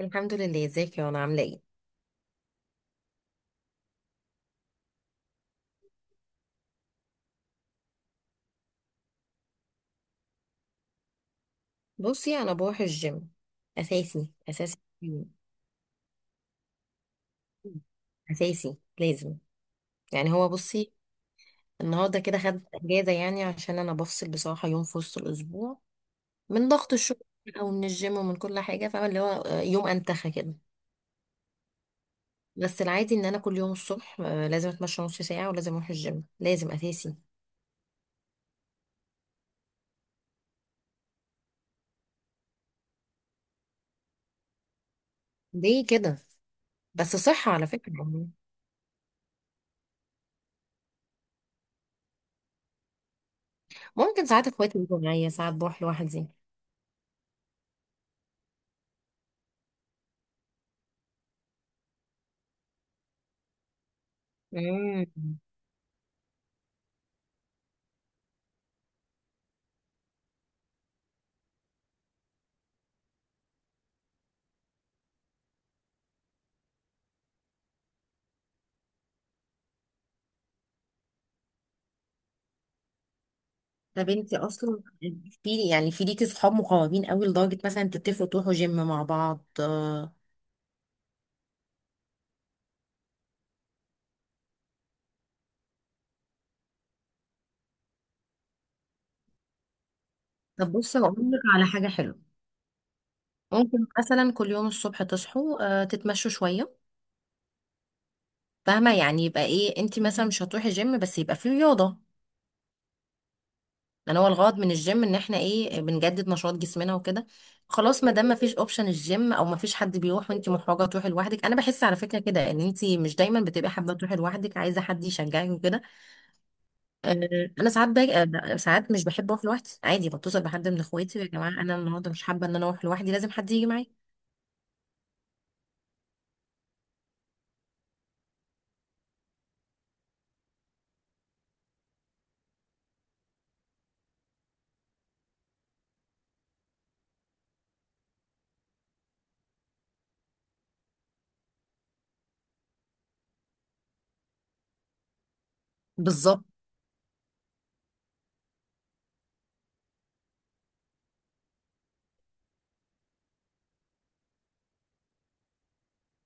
الحمد لله، ازيك يا انا عامله ايه؟ بصي، انا بروح الجيم اساسي اساسي. اساسي لازم. يعني هو بصي، النهارده كده خدت اجازه يعني عشان انا بفصل بصراحه يوم في وسط الاسبوع من ضغط الشغل او من الجيم ومن كل حاجه، فاهمه؟ اللي هو يوم انتخى كده. بس العادي ان انا كل يوم الصبح لازم اتمشى نص ساعه ولازم اروح الجيم، لازم اساسي. ليه كده؟ بس صحه على فكره يعني. ممكن ساعات اخواتي يجوا معايا، ساعات بروح لوحدي. مم. طب انت اصلا، في ليكي صحاب مقربين قوي لدرجه مثلا تتفقوا تروحوا جيم مع بعض؟ طب بصي، هقول لك على حاجه حلوه. ممكن مثلا كل يوم الصبح تصحوا تتمشوا شويه. فاهمه؟ يعني يبقى ايه، انت مثلا مش هتروحي جيم بس يبقى في رياضه. لان هو الغرض من الجيم ان احنا ايه، بنجدد نشاط جسمنا وكده. خلاص، ما دام ما فيش اوبشن الجيم او ما فيش حد بيروح وانت محرجه تروحي لوحدك، انا بحس على فكره كده ان انت مش دايما بتبقي حابه تروحي لوحدك، عايزه حد يشجعك وكده. آه، انا ساعات باجي ساعات مش بحب اروح لوحدي، عادي بتصل بحد من اخواتي: يا جماعه انا النهارده مش حابه ان انا اروح لوحدي، لازم حد يجي معايا. بالظبط.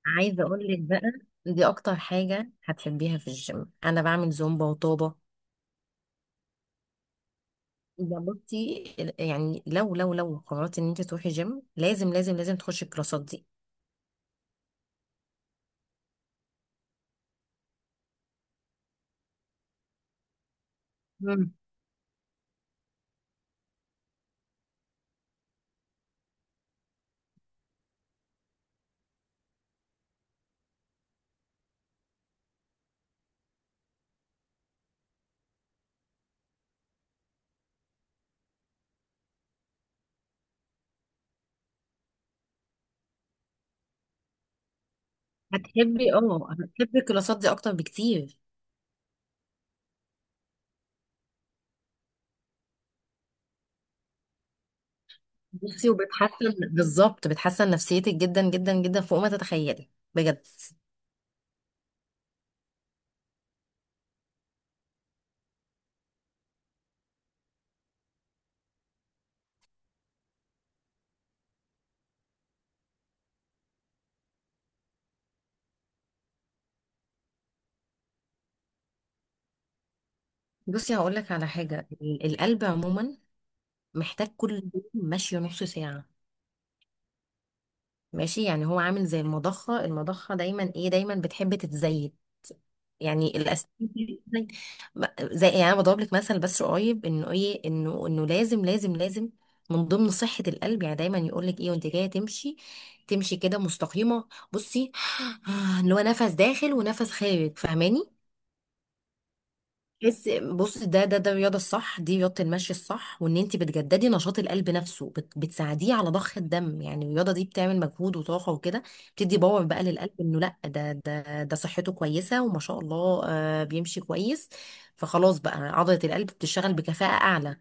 عايزه اقول لك بقى، دي اكتر حاجه هتحبيها في الجيم. انا بعمل زومبا وطابه. يا بصي، يعني لو قررت ان انت تروحي جيم، لازم لازم لازم تخشي الكلاسات دي. مم. هتحبي الكلاسات دي اكتر بكتير. بصي، وبتحسن بالظبط، بتحسن نفسيتك جدا جدا جدا فوق ما تتخيلي بجد. بصي، هقول لك على حاجة. القلب عموما محتاج كل يوم مشي نص ساعة. ماشي؟ يعني هو عامل زي المضخة، المضخة دايما ايه، دايما بتحب تتزايد. يعني الاسنان دي بتتزايد. زي يعني انا بضرب لك مثل بس قريب، انه ايه، انه لازم لازم لازم من ضمن صحة القلب. يعني دايما يقول لك ايه، وانت جاية تمشي، تمشي كده مستقيمة بصي. اللي هو نفس داخل ونفس خارج، فاهماني؟ تحس بص، ده الرياضه الصح، دي رياضه المشي الصح، وان انت بتجددي نشاط القلب نفسه، بتساعديه على ضخ الدم، يعني الرياضه دي بتعمل مجهود وطاقه وكده. بتدي باور بقى للقلب، انه لا ده صحته كويسه، وما شاء الله بيمشي كويس. فخلاص بقى عضله القلب بتشتغل بكفاءه اعلى.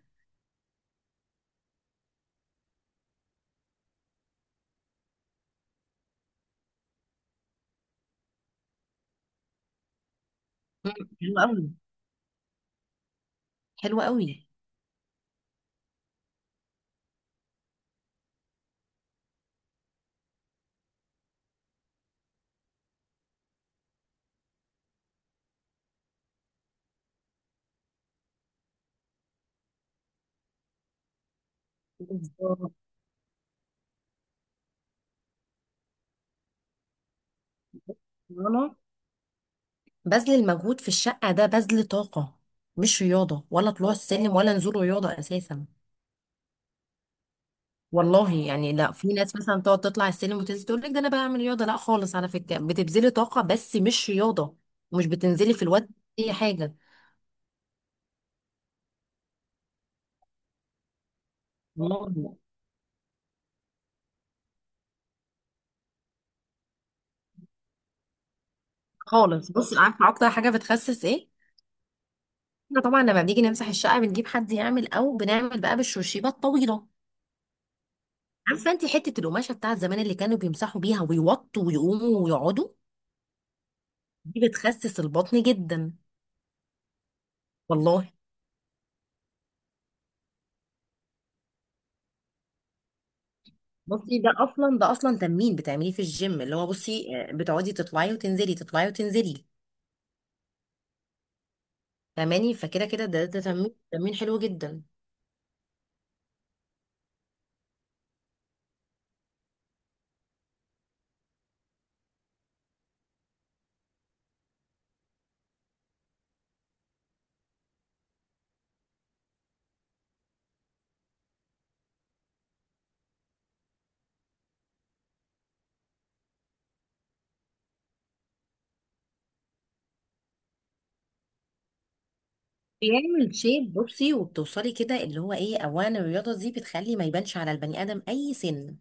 مم. حلو قوي. حلو قوي. بالظبط. أنا، بذل المجهود في الشقه ده بذل طاقه، مش رياضه، ولا طلوع السلم ولا نزول رياضه اساسا. والله يعني لا، في ناس مثلا تقعد تطلع السلم وتنزل تقول لك: ده انا بعمل رياضه. لا خالص، على فكره بتبذلي طاقه بس مش رياضه، ومش بتنزلي في الوقت اي حاجه. والله. خالص بصي، عارفه اكتر حاجه بتخسس ايه؟ احنا طبعا لما بنيجي نمسح الشقه بنجيب حد يعمل، او بنعمل بقى بالشرشيبه الطويله. عارفه انت حته القماشه بتاعت زمان اللي كانوا بيمسحوا بيها ويوطوا ويقوموا ويقعدوا، دي بتخسس البطن جدا. والله. بصي، ده اصلا تمرين بتعمليه في الجيم، اللي هو بصي، بتقعدي تطلعي وتنزلي تطلعي وتنزلي. فاهماني؟ فكده كده ده تمرين حلو جدا. بيعمل شيب بصي، وبتوصلي كده اللي هو ايه، اولا الرياضه دي بتخلي ما يبانش على البني ادم اي سن،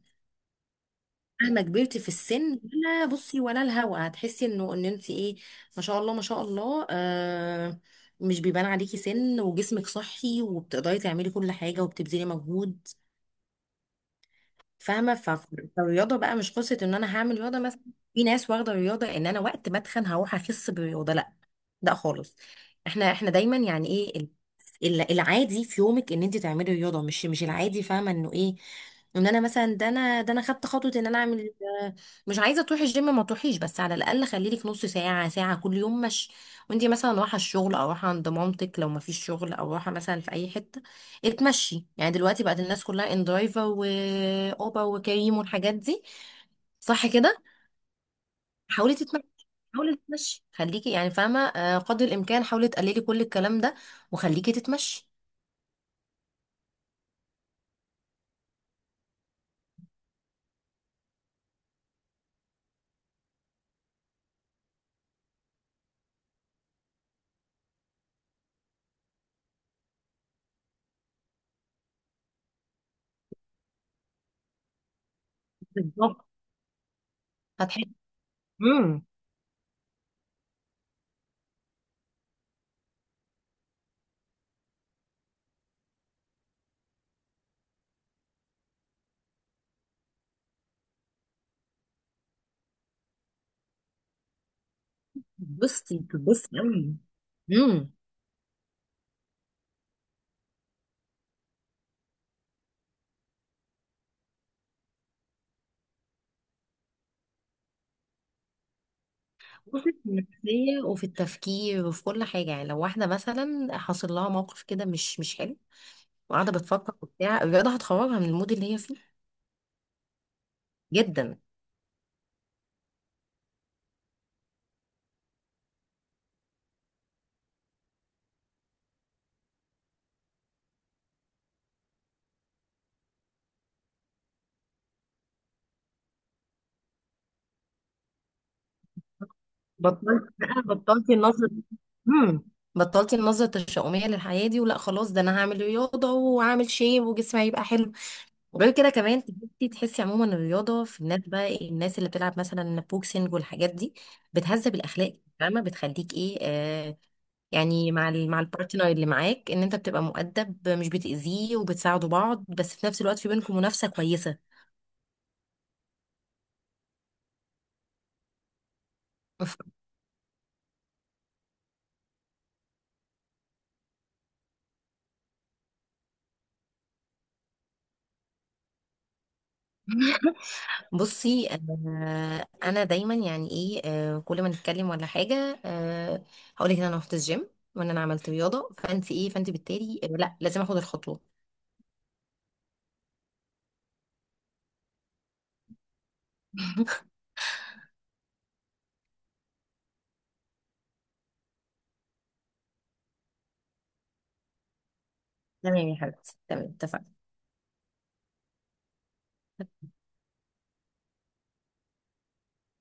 مهما كبرت في السن، ولا بصي ولا الهوا، هتحسي انه ان انت ايه، ما شاء الله، ما شاء الله. مش بيبان عليكي سن، وجسمك صحي وبتقدري تعملي كل حاجه وبتبذلي مجهود. فاهمه؟ فالرياضه بقى مش قصه ان انا هعمل رياضه مثلا. في ناس واخده الرياضه، ان انا وقت ما اتخن هروح اخس بالرياضه. لا. لا خالص. احنا دايما يعني ايه، العادي في يومك ان انت تعملي رياضه، مش العادي، فاهمه انه ايه، ان انا مثلا، ده انا خدت خطوه ان انا اعمل. آه، مش عايزه تروحي الجيم ما تروحيش، بس على الاقل خلي لك نص ساعه ساعه كل يوم، مش وانت مثلا رايحه الشغل او رايحه عند مامتك لو ما فيش شغل، او رايحه مثلا في اي حته، اتمشي. يعني دلوقتي بقت الناس كلها اندرايفر واوبا وكريم والحاجات دي، صح كده؟ حاولي تتمشي، حاولي تتمشي، خليكي يعني فاهمه، قدر الامكان حاولي تقللي كل الكلام ده وخليكي تتمشي. بالظبط، هتحسي. امم بصي قوي. امم بصي، في النفسيه وفي التفكير وفي كل حاجه. يعني لو واحده مثلا حصل لها موقف كده مش حلو، وقاعده بتفكر وبتاع، الرياضه هتخرجها من المود اللي هي فيه، جدا. بطلتي النظر. امم بطلتي النظرة التشاؤمية للحياة دي، ولا خلاص، ده انا هعمل رياضة وهعمل شيب وجسمي هيبقى حلو. وغير كده كمان تحسي عموما الرياضة في الناس بقى إيه، الناس اللي بتلعب مثلا بوكسنج والحاجات دي، بتهذب الأخلاق، فاهمة، بتخليك ايه. يعني مع مع البارتنر اللي معاك، ان انت بتبقى مؤدب، مش بتأذيه، وبتساعدوا بعض، بس في نفس الوقت في بينكم منافسة كويسة. بصي، انا دايما يعني ايه، كل ما نتكلم ولا حاجه، هقولك ان انا رحت الجيم وان انا عملت رياضه، فانت ايه، فانت بالتالي، لا لازم اخد الخطوه. تمام يا حبيبتي، تمام، اتفقنا.